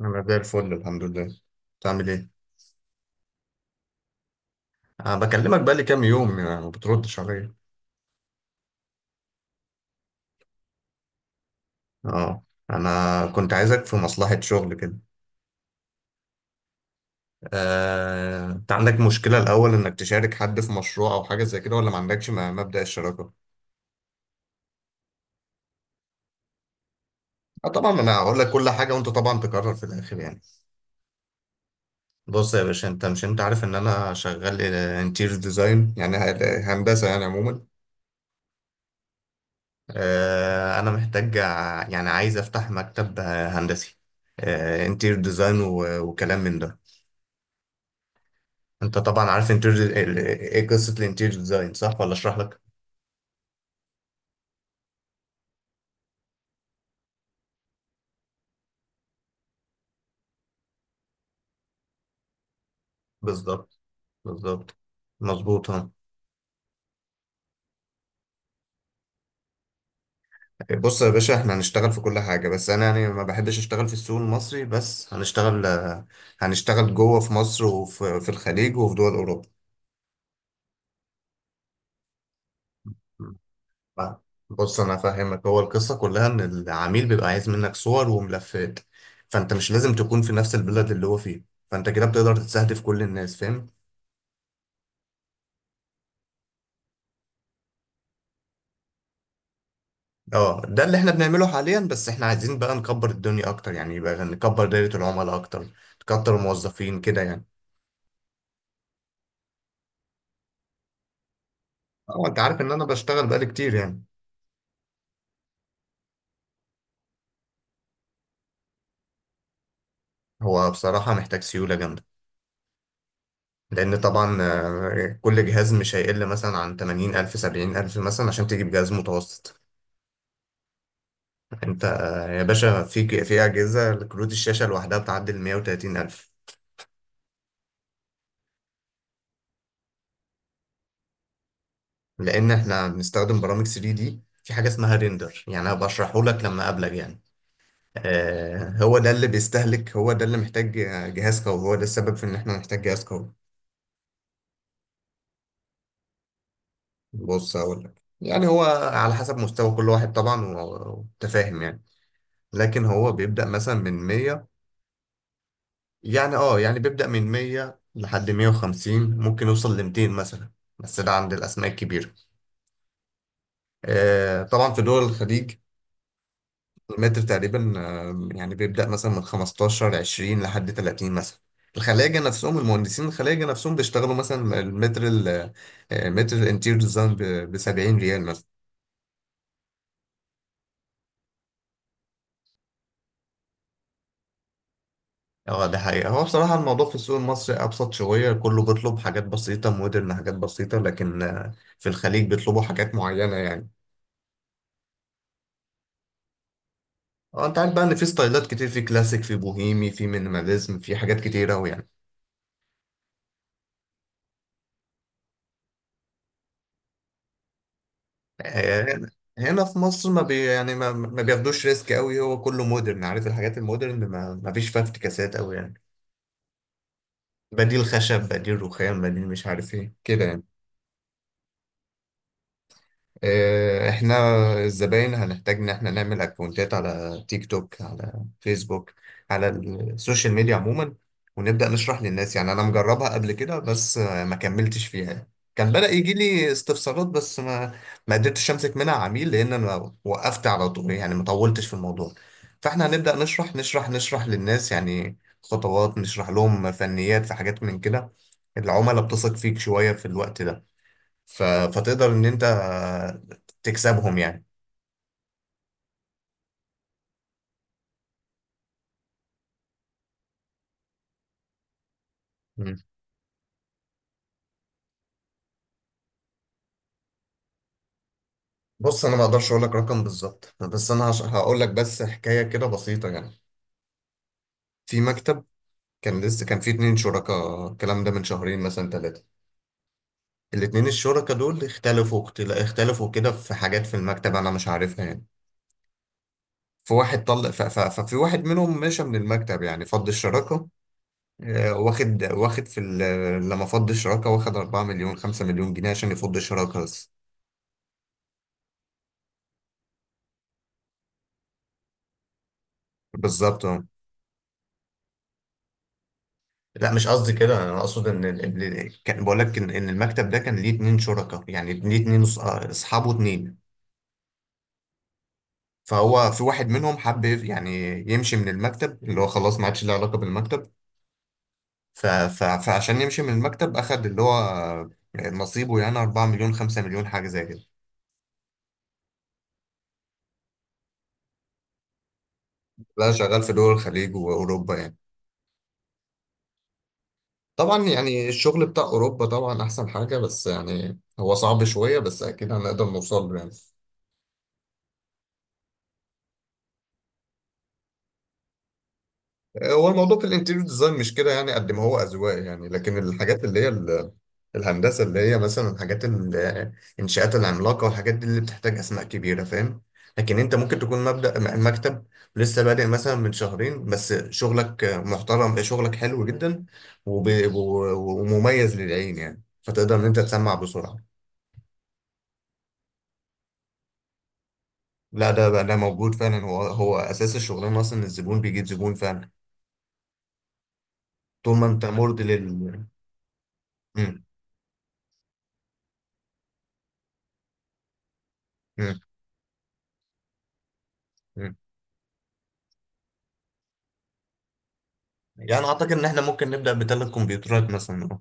انا زي الفل، الحمد لله. بتعمل ايه؟ بكلمك بقى لي كام يوم يعني، ما بتردش عليا. اه، انا كنت عايزك في مصلحة شغل كده. انت عندك مشكلة الاول انك تشارك حد في مشروع او حاجة زي كده، ولا ما عندكش مبدأ الشراكة؟ أه طبعا، انا هقول لك كل حاجة وانت طبعا تقرر في الاخر يعني. بص يا باشا، انت مش انت عارف ان انا شغال انتيريور ديزاين يعني هندسة يعني عموما. انا محتاج يعني عايز افتح مكتب هندسي، انتير ديزاين، وكلام من ده. انت طبعا عارف انتير ايه قصة الانتير ديزاين، صح ولا اشرح لك؟ بالظبط، بالظبط، مظبوط. ها، بص يا باشا، احنا هنشتغل في كل حاجة، بس انا يعني ما بحبش اشتغل في السوق المصري بس، هنشتغل جوه في مصر وفي الخليج وفي دول اوروبا. لا، بص انا فاهمك، هو القصه كلها ان العميل بيبقى عايز منك صور وملفات، فانت مش لازم تكون في نفس البلد اللي هو فيه، فانت كده بتقدر تستهدف كل الناس، فاهم؟ اه ده اللي احنا بنعمله حاليا، بس احنا عايزين بقى نكبر الدنيا اكتر يعني، يبقى نكبر دايره العملاء اكتر، نكتر الموظفين كده يعني. اه، انت عارف ان انا بشتغل بقالي كتير يعني. هو بصراحه محتاج سيوله جامده، لان طبعا كل جهاز مش هيقل مثلا عن 80,000 70,000 مثلا عشان تجيب جهاز متوسط. انت يا باشا، في اجهزه كروت الشاشه لوحدها بتعدي ال 130 الف. لان احنا بنستخدم برامج 3 دي، في حاجه اسمها ريندر يعني، انا بشرحه لك لما اقابلك يعني. آه، هو ده اللي بيستهلك، هو ده اللي محتاج جهاز قوي، هو ده السبب في ان احنا نحتاج جهاز قوي. بص هقول لك يعني، هو على حسب مستوى كل واحد طبعا، وتفاهم يعني. لكن هو بيبدا مثلا من 100، يعني اه يعني بيبدا من 100 لحد 150، ممكن يوصل ل 200 مثلا، بس ده عند الاسماء الكبيره. طبعا في دول الخليج، المتر تقريبا يعني بيبدأ مثلا من 15 20 لحد 30 مثلا. الخلاجة نفسهم، المهندسين الخلاجة نفسهم، بيشتغلوا مثلا المتر ال- آه، متر الانتير ديزاين ب 70 ريال مثلا. اه ده حقيقة، هو بصراحة الموضوع في السوق المصري أبسط شوية، كله بيطلب حاجات بسيطة مودرن، حاجات بسيطة، لكن في الخليج بيطلبوا حاجات معينة يعني. اه انت عارف بقى ان في ستايلات كتير، في كلاسيك، في بوهيمي، في مينيماليزم، في حاجات كتير أوي يعني. آه، هنا في مصر ما بي يعني ما بياخدوش ريسك قوي، هو كله مودرن، عارف الحاجات المودرن ما فيش فيها افتكاسات قوي يعني، بديل خشب، بديل رخام، بديل مش عارف ايه كده يعني. احنا الزباين هنحتاج ان احنا نعمل اكونتات على تيك توك، على فيسبوك، على السوشيال ميديا عموما، ونبدأ نشرح للناس يعني. انا مجربها قبل كده، بس ما كملتش فيها. كان بدأ يجي لي استفسارات، بس ما قدرتش امسك منها عميل لان انا وقفت على طول يعني، ما طولتش في الموضوع. فاحنا هنبدأ نشرح نشرح نشرح للناس يعني، خطوات نشرح لهم فنيات في حاجات من كده. العملاء بتثق فيك شوية في الوقت ده، فتقدر ان انت تكسبهم يعني. مم. بص انا ما اقدرش اقول لك رقم بالظبط، بس انا هقول لك بس حكايه كده بسيطه يعني. في مكتب كان لسه، كان في اتنين شركاء، الكلام ده من شهرين مثلا ثلاثه. الاتنين الشركاء دول اختلفوا كده في حاجات في المكتب انا مش عارفها يعني. في واحد طلق ف... ف... ففي واحد منهم مشى من المكتب يعني، فض الشراكه. آه، واخد واخد في ال... لما فض الشراكه واخد 4 مليون 5 مليون جنيه عشان يفض الشراكه بس. بالظبط. لا مش قصدي كده، انا اقصد ان كان بقول لك إن المكتب ده كان ليه اتنين شركاء يعني، ليه اتنين اصحابه اتنين. فهو في واحد منهم يعني يمشي من المكتب، اللي هو خلاص ما عادش له علاقه بالمكتب، ف... ف... فعشان يمشي من المكتب اخد اللي هو نصيبه يعني، 4 مليون 5 مليون حاجه زي كده. لا، شغال في دول الخليج واوروبا يعني. طبعا يعني الشغل بتاع اوروبا طبعا احسن حاجه، بس يعني هو صعب شويه، بس اكيد هنقدر نوصل له يعني. هو الموضوع في الانتيريور ديزاين مش كده يعني، قد ما هو اذواق يعني. لكن الحاجات اللي هي الهندسه اللي هي مثلا حاجات الانشاءات العملاقه والحاجات دي، اللي بتحتاج اسماء كبيره، فاهم؟ لكن انت ممكن تكون مبدأ مكتب لسه بادئ مثلا من شهرين، بس شغلك محترم، شغلك حلو جدا، وب- و- ومميز للعين يعني، فتقدر ان انت تسمع بسرعه. لا ده بقى، ده موجود فعلا، هو هو اساس الشغلانه اصلا، الزبون بيجيب زبون فعلا، طول ما انت مرضي لل. مم. مم. يعني اعتقد ان احنا ممكن نبدا بثلاث كمبيوترات مثلا، اه.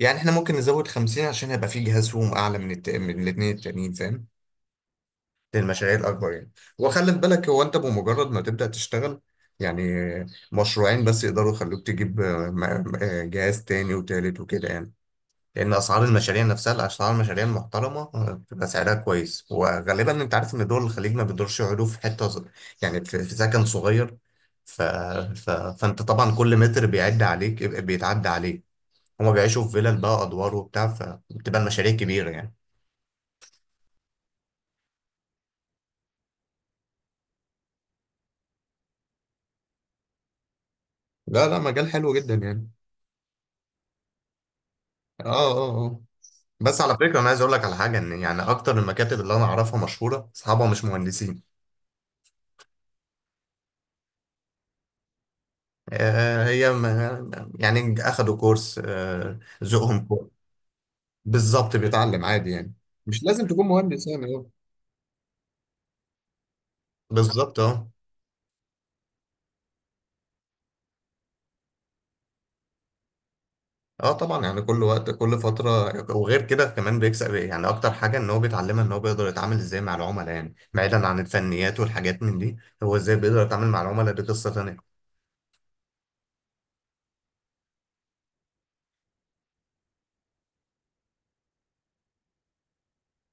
يعني احنا ممكن نزود 50، عشان هيبقى في جهاز فيهم اعلى من من الاثنين التانيين، فاهم؟ للمشاريع الاكبر يعني. وخلي في بالك، هو انت بمجرد ما تبدا تشتغل يعني، مشروعين بس يقدروا يخلوك تجيب جهاز تاني وتالت وكده يعني. لان اسعار المشاريع نفسها، اسعار المشاريع المحترمه بتبقى سعرها كويس. وغالبا انت عارف ان دول الخليج ما بيدورش يقعدوا في يعني في سكن صغير، ف... ف... فانت طبعا كل متر بيعد عليك، بيتعدى عليك. هما بيعيشوا في فيلل بقى، ادوار وبتاع، فبتبقى المشاريع كبيره يعني. لا لا، مجال حلو جدا يعني. اه اه اه، بس على فكره، انا عايز اقول لك على حاجه، ان يعني اكتر المكاتب اللي انا اعرفها مشهوره، اصحابها مش مهندسين. آه هي م- يعني اخدوا كورس، آه ذوقهم. بالظبط، بيتعلم عادي يعني، مش لازم تكون مهندس يعني، اه. بالظبط، اه. اه طبعا يعني، كل وقت كل فترة. وغير كده كمان بيكسب ايه يعني، أكتر حاجة إن هو بيتعلمها إن هو بيقدر يتعامل إزاي مع العملاء يعني، بعيدا عن الفنيات والحاجات من دي. هو إزاي بيقدر يتعامل مع العملاء، دي قصة تانية.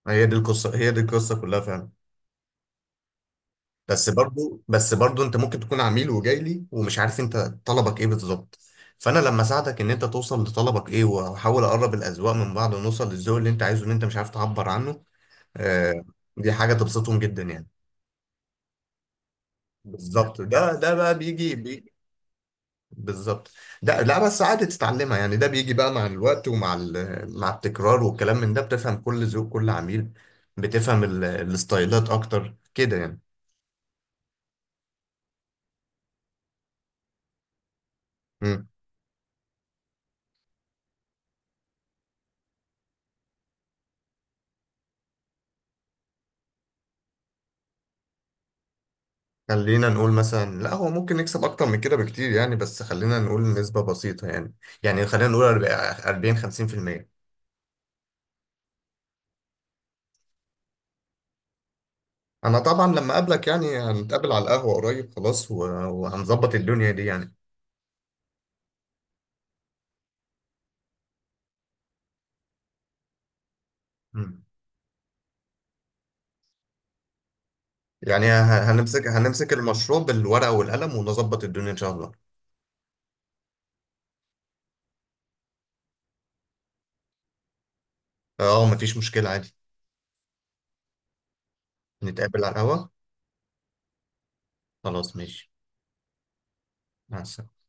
هي دي القصة كلها فعلا. بس برضو أنت ممكن تكون عميل وجاي لي ومش عارف أنت طلبك إيه بالظبط، فأنا لما أساعدك إن أنت توصل لطلبك إيه، وأحاول أقرب الأذواق من بعض، ونوصل للذوق اللي أنت عايزه، اللي أنت مش عارف تعبر عنه، آه، دي حاجة تبسطهم جدا يعني. بالظبط، ده بقى بيجي، بالظبط. ده لا بس عادي تتعلمها يعني، ده بيجي بقى مع الوقت، ومع مع التكرار والكلام من ده، بتفهم كل ذوق كل عميل، بتفهم الستايلات اكتر كده يعني. مم. خلينا نقول مثلا، لا هو ممكن يكسب اكتر من كده بكتير يعني، بس خلينا نقول نسبة بسيطة يعني، يعني خلينا نقول 40 50%. انا طبعا لما اقابلك يعني، هنتقابل على القهوة قريب خلاص، و- وهنظبط الدنيا دي يعني. مم. يعني هنمسك المشروع بالورقة والقلم، ونظبط الدنيا إن شاء الله. اه مفيش مشكلة عادي، نتقابل على القهوة. خلاص ماشي، مع السلامة.